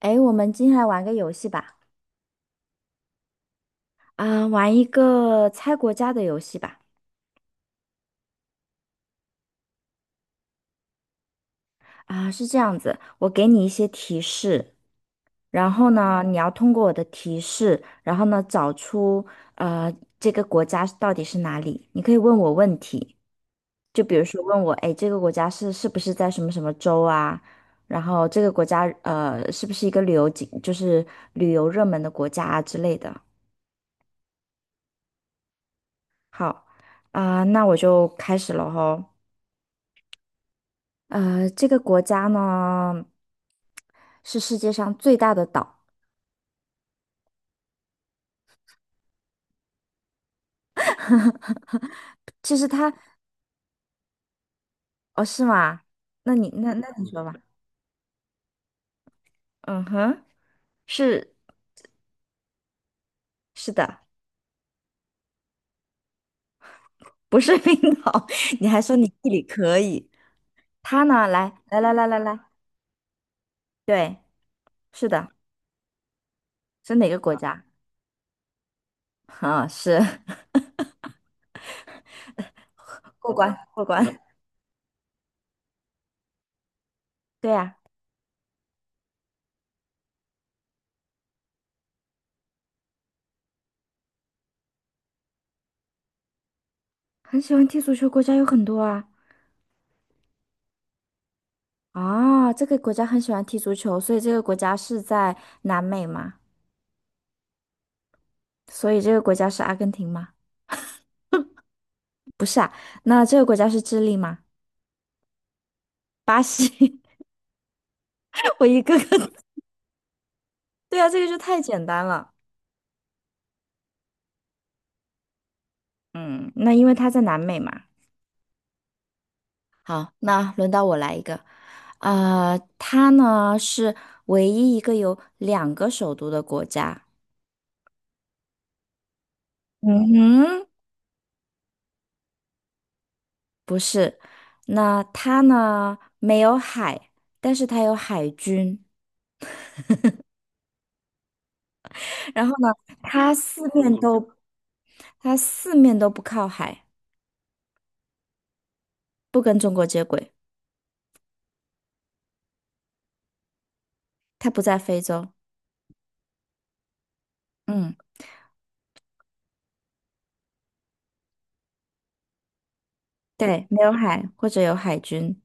诶，我们今天来玩个游戏吧，玩一个猜国家的游戏吧。是这样子，我给你一些提示，然后呢，你要通过我的提示，然后呢，找出呃这个国家到底是哪里。你可以问我问题，就比如说问我，诶，这个国家是不是在什么什么州啊？然后这个国家是不是一个旅游景，就是旅游热门的国家啊之类的。好，那我就开始了吼。呃，这个国家呢是世界上最大的岛。其实它，哦，是吗？那你那你说吧。嗯哼，是是的，不是冰岛。你还说你地理可以？它呢？来来来来来来，对，是的，是哪个国家？啊，是 过关过关。对呀，很喜欢踢足球国家有很多啊。啊，这个国家很喜欢踢足球，所以这个国家是在南美吗？所以这个国家是阿根廷吗？那这个国家是智利吗？巴西，我一个个，对啊，这个就太简单了。嗯，那因为它在南美嘛。好，那轮到我来一个，呃，它呢是唯一一个有两个首都的国家。嗯哼，不是，那它呢没有海，但是它有海军。然后呢，它四面都，它四面都不靠海，不跟中国接轨，它不在非洲。嗯。对，没有海或者有海军，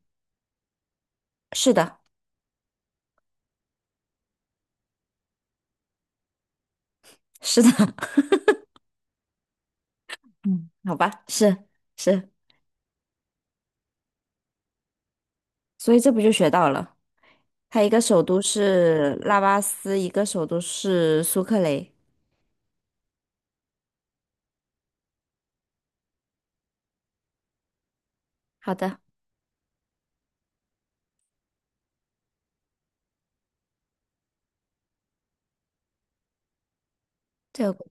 是的，是的，嗯，好吧，是，所以这不就学到了？它一个首都是拉巴斯，一个首都是苏克雷。好的，这个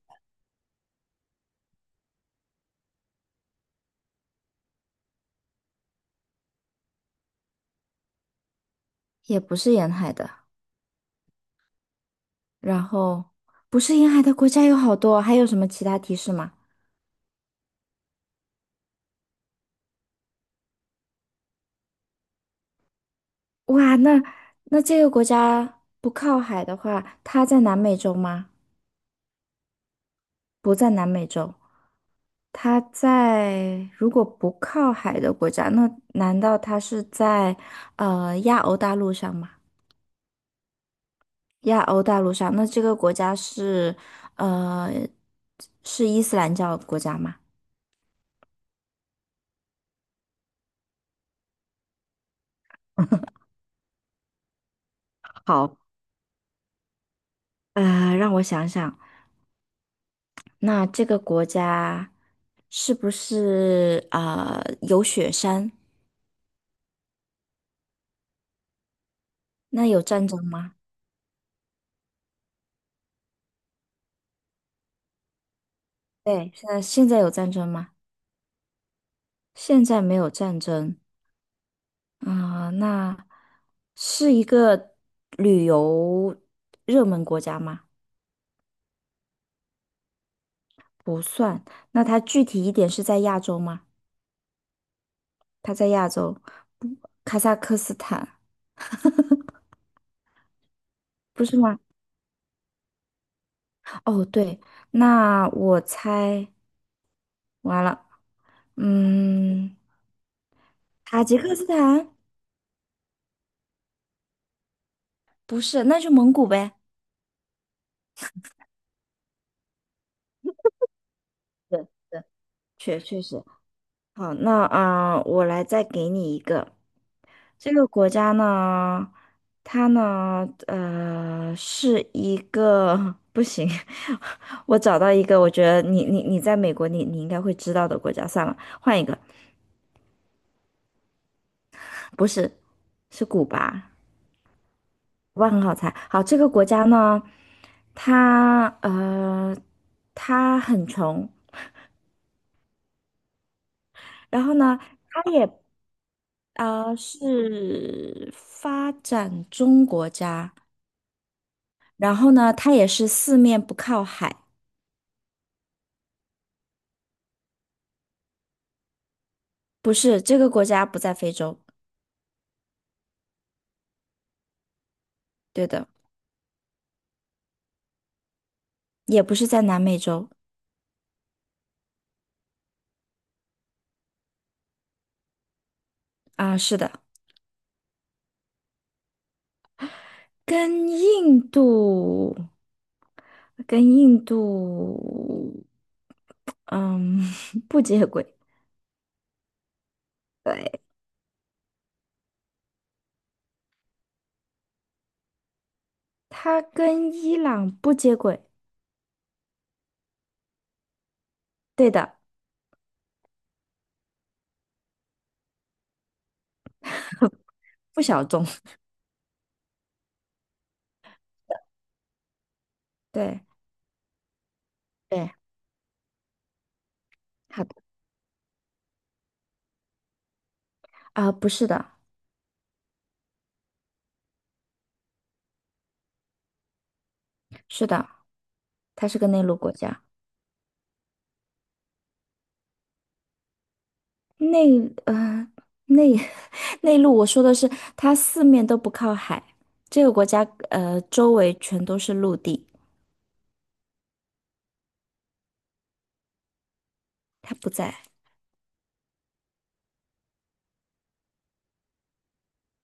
也不是沿海的，然后不是沿海的国家有好多，还有什么其他提示吗？哇，那这个国家不靠海的话，它在南美洲吗？不在南美洲，它在如果不靠海的国家，那难道它是在亚欧大陆上吗？亚欧大陆上，那这个国家是呃是伊斯兰教国家吗？好，呃，让我想想，那这个国家是不是有雪山？那有战争吗？对，现在有战争吗？现在没有战争。啊，那是一个旅游热门国家吗？不算。那它具体一点是在亚洲吗？它在亚洲，不卡萨克斯坦，不是吗？哦，对，那我猜完了，嗯，塔吉克斯坦不是，那就蒙古呗。对对，确确实。好，那啊，我来再给你一个。这个国家呢，它呢，呃，是一个 不行，我找到一个，我觉得你你在美国你，你应该会知道的国家，算了，换一个，不是，是古巴，古巴很好猜。好，这个国家呢，它呃，它很穷，然后呢，它也是发展中国家，然后呢，它也是四面不靠海。不是，这个国家不在非洲，对的，也不是在南美洲啊，是的，跟印度，跟印度，嗯，不接轨，对，它跟伊朗不接轨，对的，不小众，对对，好的，啊，不是的，是的，它是个内陆国家。内呃内 内陆，我说的是它四面都不靠海，这个国家周围全都是陆地，它不在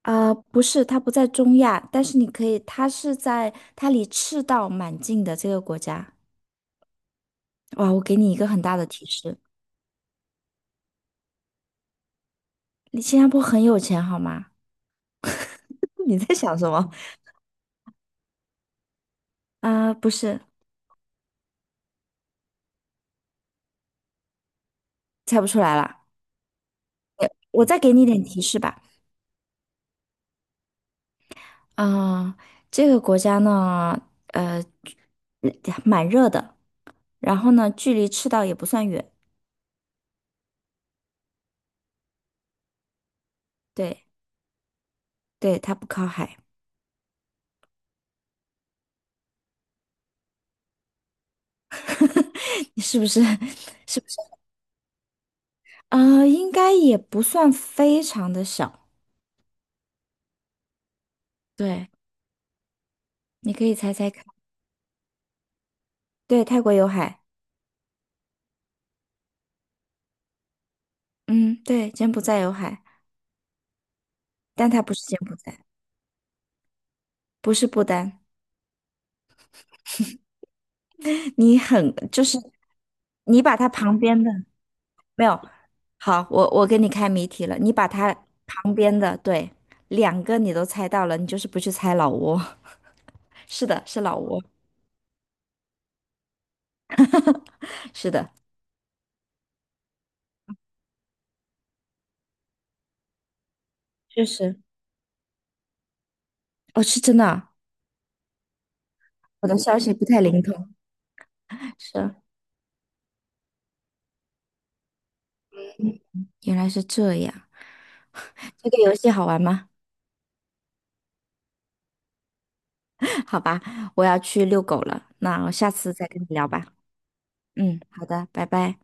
啊，不是它不在中亚，但是你可以，它是在它离赤道蛮近的这个国家。哇，我给你一个很大的提示，你新加坡很有钱好吗？你在想什么？不是，猜不出来了。我再给你一点提示吧。啊、这个国家呢，呃，嗯蛮热的。然后呢，距离赤道也不算远，对对，它不靠海，你是不是？是不是？呃，应该也不算非常的小，对，你可以猜猜看。对，泰国有海，嗯，对，柬埔寨有海，但它不是柬埔寨，不是不丹，你很就是你把它旁边的没有，好，我给你开谜题了，你把它边的对两个你都猜到了，你就是不去猜老挝，是的，是老挝，确实，哦，是真的啊我的消息不太灵通。是，嗯原来是这样。这个游戏好玩吗？好吧，我要去遛狗了。那我下次再跟你聊吧。嗯，好的，拜拜。